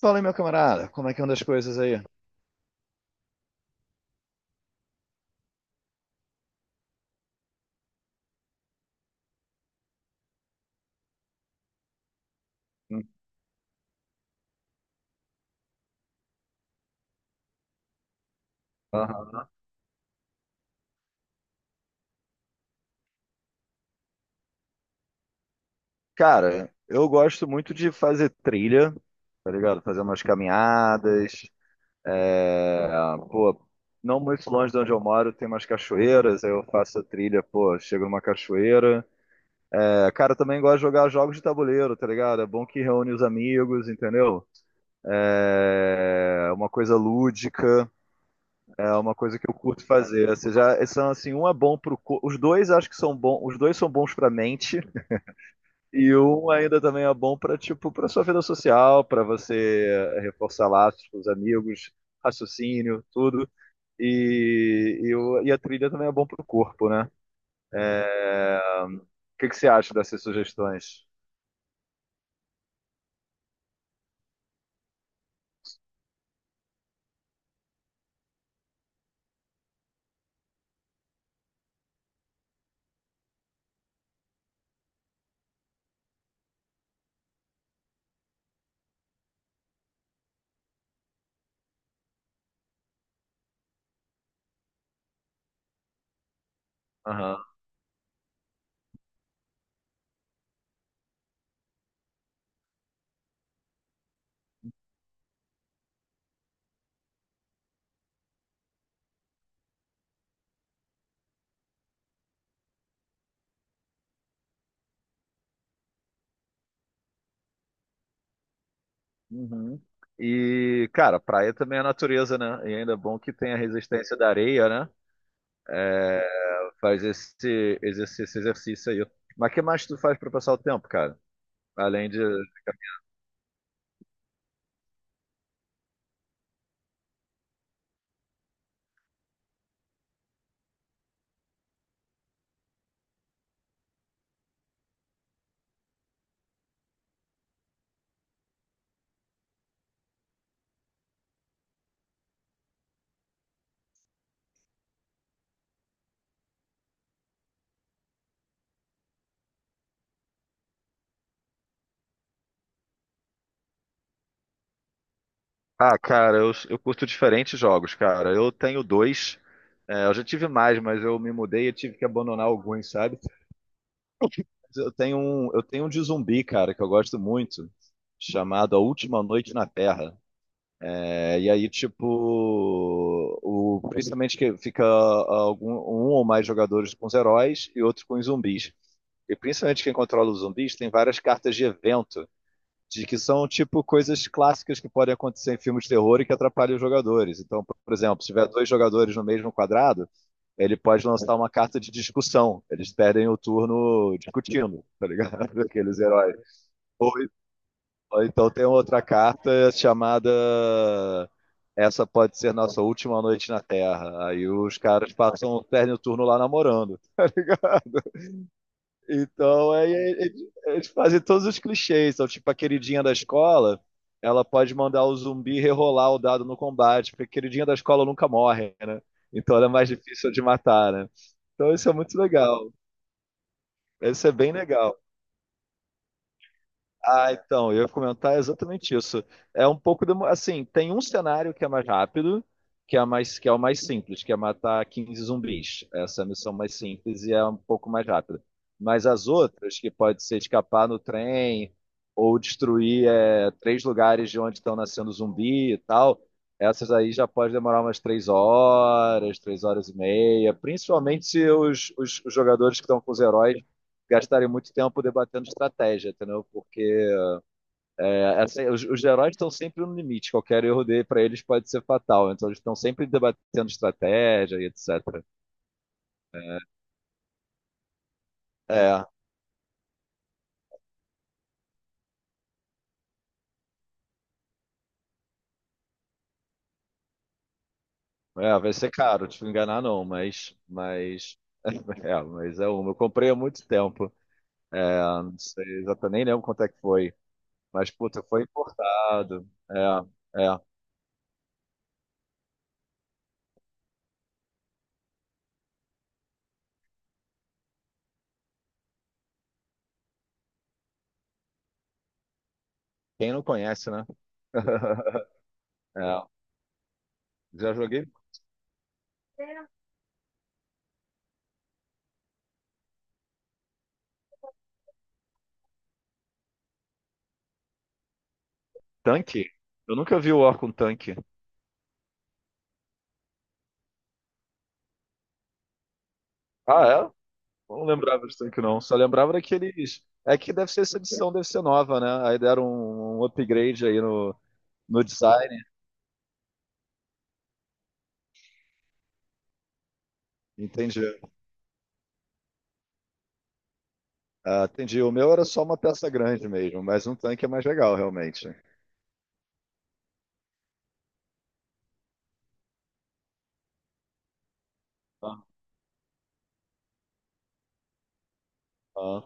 Fala aí, meu camarada, como é que anda das coisas aí? Cara, eu gosto muito de fazer trilha, tá ligado? Fazer umas caminhadas. é, Pô, não muito longe de onde eu moro, tem umas cachoeiras, aí eu faço a trilha, pô, chego numa cachoeira. É, cara, eu também gosto de jogar jogos de tabuleiro, tá ligado? É bom que reúne os amigos, entendeu? É uma coisa lúdica, é uma coisa que eu curto fazer. Ou seja, são assim, um é bom pro corpo. Os dois acho que são bons, os dois são bons pra mente. E um ainda também é bom para tipo para sua vida social, para você reforçar laços com os amigos, raciocínio, tudo. E a trilha também é bom para o corpo, né? É, O que que você acha dessas sugestões? Aham. Uhum. E, cara, praia também é natureza, né? E ainda é bom que tem a resistência da areia, né? Faz esse exercício aí. Mas o que mais tu faz para passar o tempo, cara? Além de… Ah, cara, eu curto diferentes jogos, cara. Eu tenho dois. É, eu já tive mais, mas eu me mudei e tive que abandonar alguns, sabe? Eu tenho um de zumbi, cara, que eu gosto muito, chamado A Última Noite na Terra. É, e aí, tipo, principalmente que fica um ou mais jogadores com os heróis e outros com os zumbis. E principalmente quem controla os zumbis tem várias cartas de evento de que são tipo coisas clássicas que podem acontecer em filmes de terror e que atrapalham os jogadores. Então, por exemplo, se tiver dois jogadores no mesmo quadrado, ele pode lançar uma carta de discussão. Eles perdem o turno discutindo, tá ligado? Aqueles heróis. Ou, ou então tem outra carta chamada: essa pode ser nossa última noite na Terra. Aí os caras passam, perdem o turno lá namorando, tá ligado? Então, é de fazer todos os clichês. Então, tipo, a queridinha da escola, ela pode mandar o zumbi rerolar o dado no combate, porque a queridinha da escola nunca morre, né? Então, ela é mais difícil de matar, né? Então, isso é muito legal. Isso é bem legal. Ah, então, eu ia comentar exatamente isso. É um pouco demo- assim, tem um cenário que é mais rápido, que é o mais simples, que é matar 15 zumbis. Essa é a missão mais simples e é um pouco mais rápida. Mas as outras, que pode ser escapar no trem ou destruir 3 lugares de onde estão nascendo zumbi e tal, essas aí já pode demorar umas 3 horas, 3 horas e meia, principalmente se os jogadores que estão com os heróis gastarem muito tempo debatendo estratégia, entendeu? Porque é assim, os heróis estão sempre no limite, qualquer erro dele para eles pode ser fatal, então eles estão sempre debatendo estratégia e etc. É, Vai ser caro, te enganar não, mas é uma. Eu comprei há muito tempo, é, não sei, exatamente, nem lembro quanto é que foi, mas puta, foi importado, quem não conhece, né? É, já joguei. Tanque, eu nunca vi o War com tanque. Ah, é? Não lembrava disso tanque não. Só lembrava daqueles. É que deve ser essa edição, deve ser nova, né? Aí deram um upgrade aí no, no design. Entendi. Ah, entendi. O meu era só uma peça grande mesmo, mas um tanque é mais legal, realmente. Aham,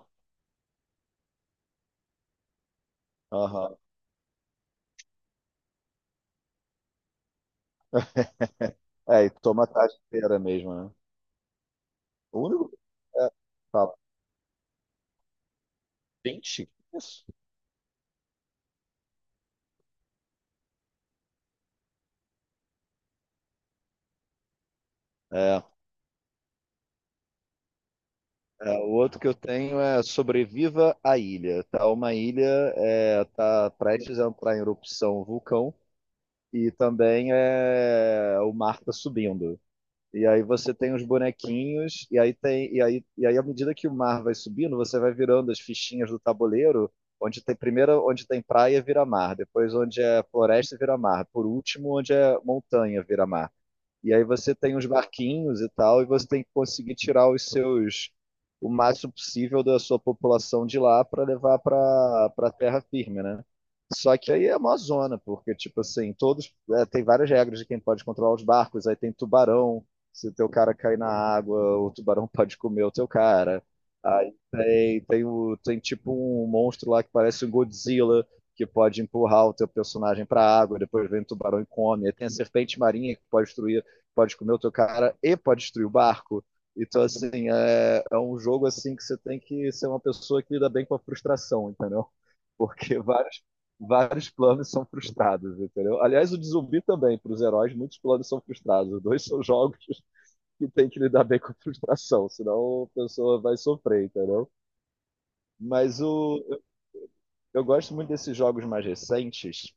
aham. É, e toma a tarde inteira mesmo, né? O único. É, fala, 20? Isso. É, o outro que eu tenho é Sobreviva à Ilha. Tá uma ilha, é, tá prestes a entrar em erupção um vulcão. E também é o mar tá subindo. E aí você tem os bonequinhos, e aí tem, e aí à medida que o mar vai subindo, você vai virando as fichinhas do tabuleiro, onde tem primeiro onde tem praia vira mar, depois onde é floresta vira mar, por último onde é montanha vira mar. E aí você tem uns barquinhos e tal, e você tem que conseguir tirar os seus o máximo possível da sua população de lá para levar para para terra firme, né? Só que aí é uma zona, porque tipo assim, todos é, tem várias regras de quem pode controlar os barcos, aí tem tubarão, se o teu cara cair na água, o tubarão pode comer o teu cara. Aí tem tipo um monstro lá que parece um Godzilla, que pode empurrar o teu personagem para a água, depois vem o tubarão e come. Aí tem a serpente marinha que pode destruir, pode comer o teu cara e pode destruir o barco. Então, assim, é, é um jogo assim que você tem que ser uma pessoa que lida bem com a frustração, entendeu? Porque vários planos são frustrados, entendeu? Aliás, o de zumbi também, para os heróis, muitos planos são frustrados. Os dois são jogos que tem que lidar bem com a frustração, senão a pessoa vai sofrer, entendeu? Mas o, eu gosto muito desses jogos mais recentes,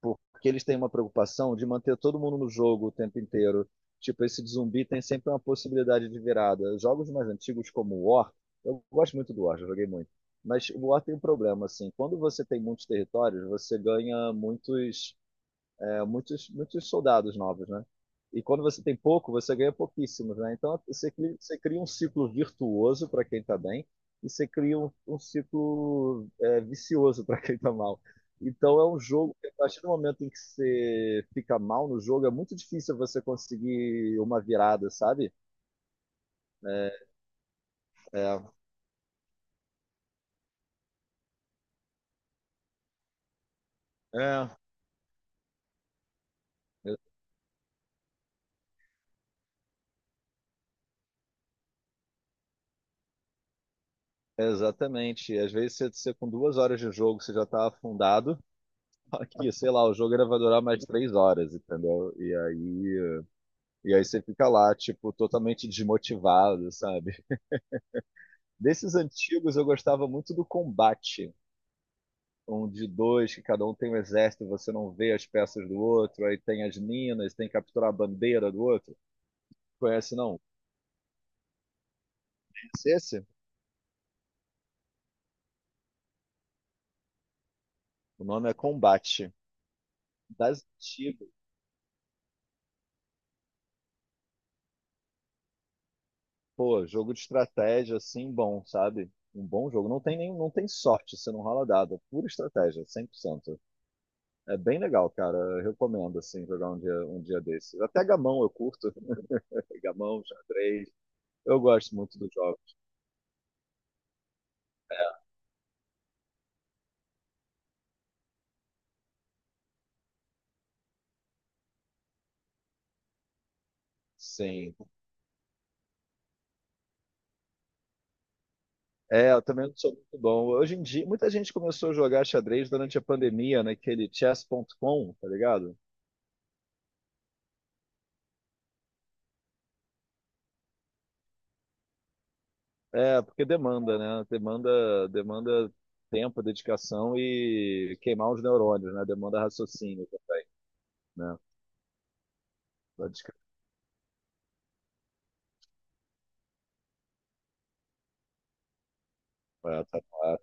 porque eles têm uma preocupação de manter todo mundo no jogo o tempo inteiro. Tipo, esse de zumbi tem sempre uma possibilidade de virada. Jogos mais antigos como o War, eu gosto muito do War, já joguei muito. Mas o War tem um problema, assim. Quando você tem muitos territórios, você ganha muitos muitos soldados novos, né? E quando você tem pouco, você ganha pouquíssimos, né? Então você cria um ciclo virtuoso para quem está bem e você cria um ciclo vicioso para quem está mal. Então é um jogo que a partir do momento em que você fica mal no jogo, é muito difícil você conseguir uma virada, sabe? É, é, é, é, Exatamente. Às vezes você com 2 horas de jogo você já tá afundado. Aqui, sei lá, o jogo era vai durar mais 3 horas, entendeu? E aí você fica lá, tipo, totalmente desmotivado, sabe? Desses antigos eu gostava muito do combate. Um de dois, que cada um tem um exército, você não vê as peças do outro, aí tem as minas, tem que capturar a bandeira do outro. Conhece não? Conhece esse? O nome é Combate. Das antigas, pô, jogo de estratégia, assim, bom, sabe? Um bom jogo. Não tem nem, não tem sorte, você não rola dado, é pura estratégia, 100%. É bem legal, cara. Eu recomendo, assim, jogar um dia desses. Até gamão eu curto. Gamão, xadrez. Eu gosto muito dos jogos. Sim. É, eu também não sou muito bom. Hoje em dia, muita gente começou a jogar xadrez durante a pandemia, naquele chess.com, tá ligado? É, porque demanda, né? Demanda tempo, dedicação e queimar os neurônios, né? Demanda raciocínio, né? Pra desca-, pra atuar.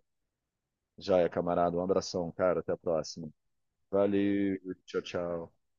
Já é, camarada. Um abração, cara. Até a próxima. Valeu. Tchau, tchau.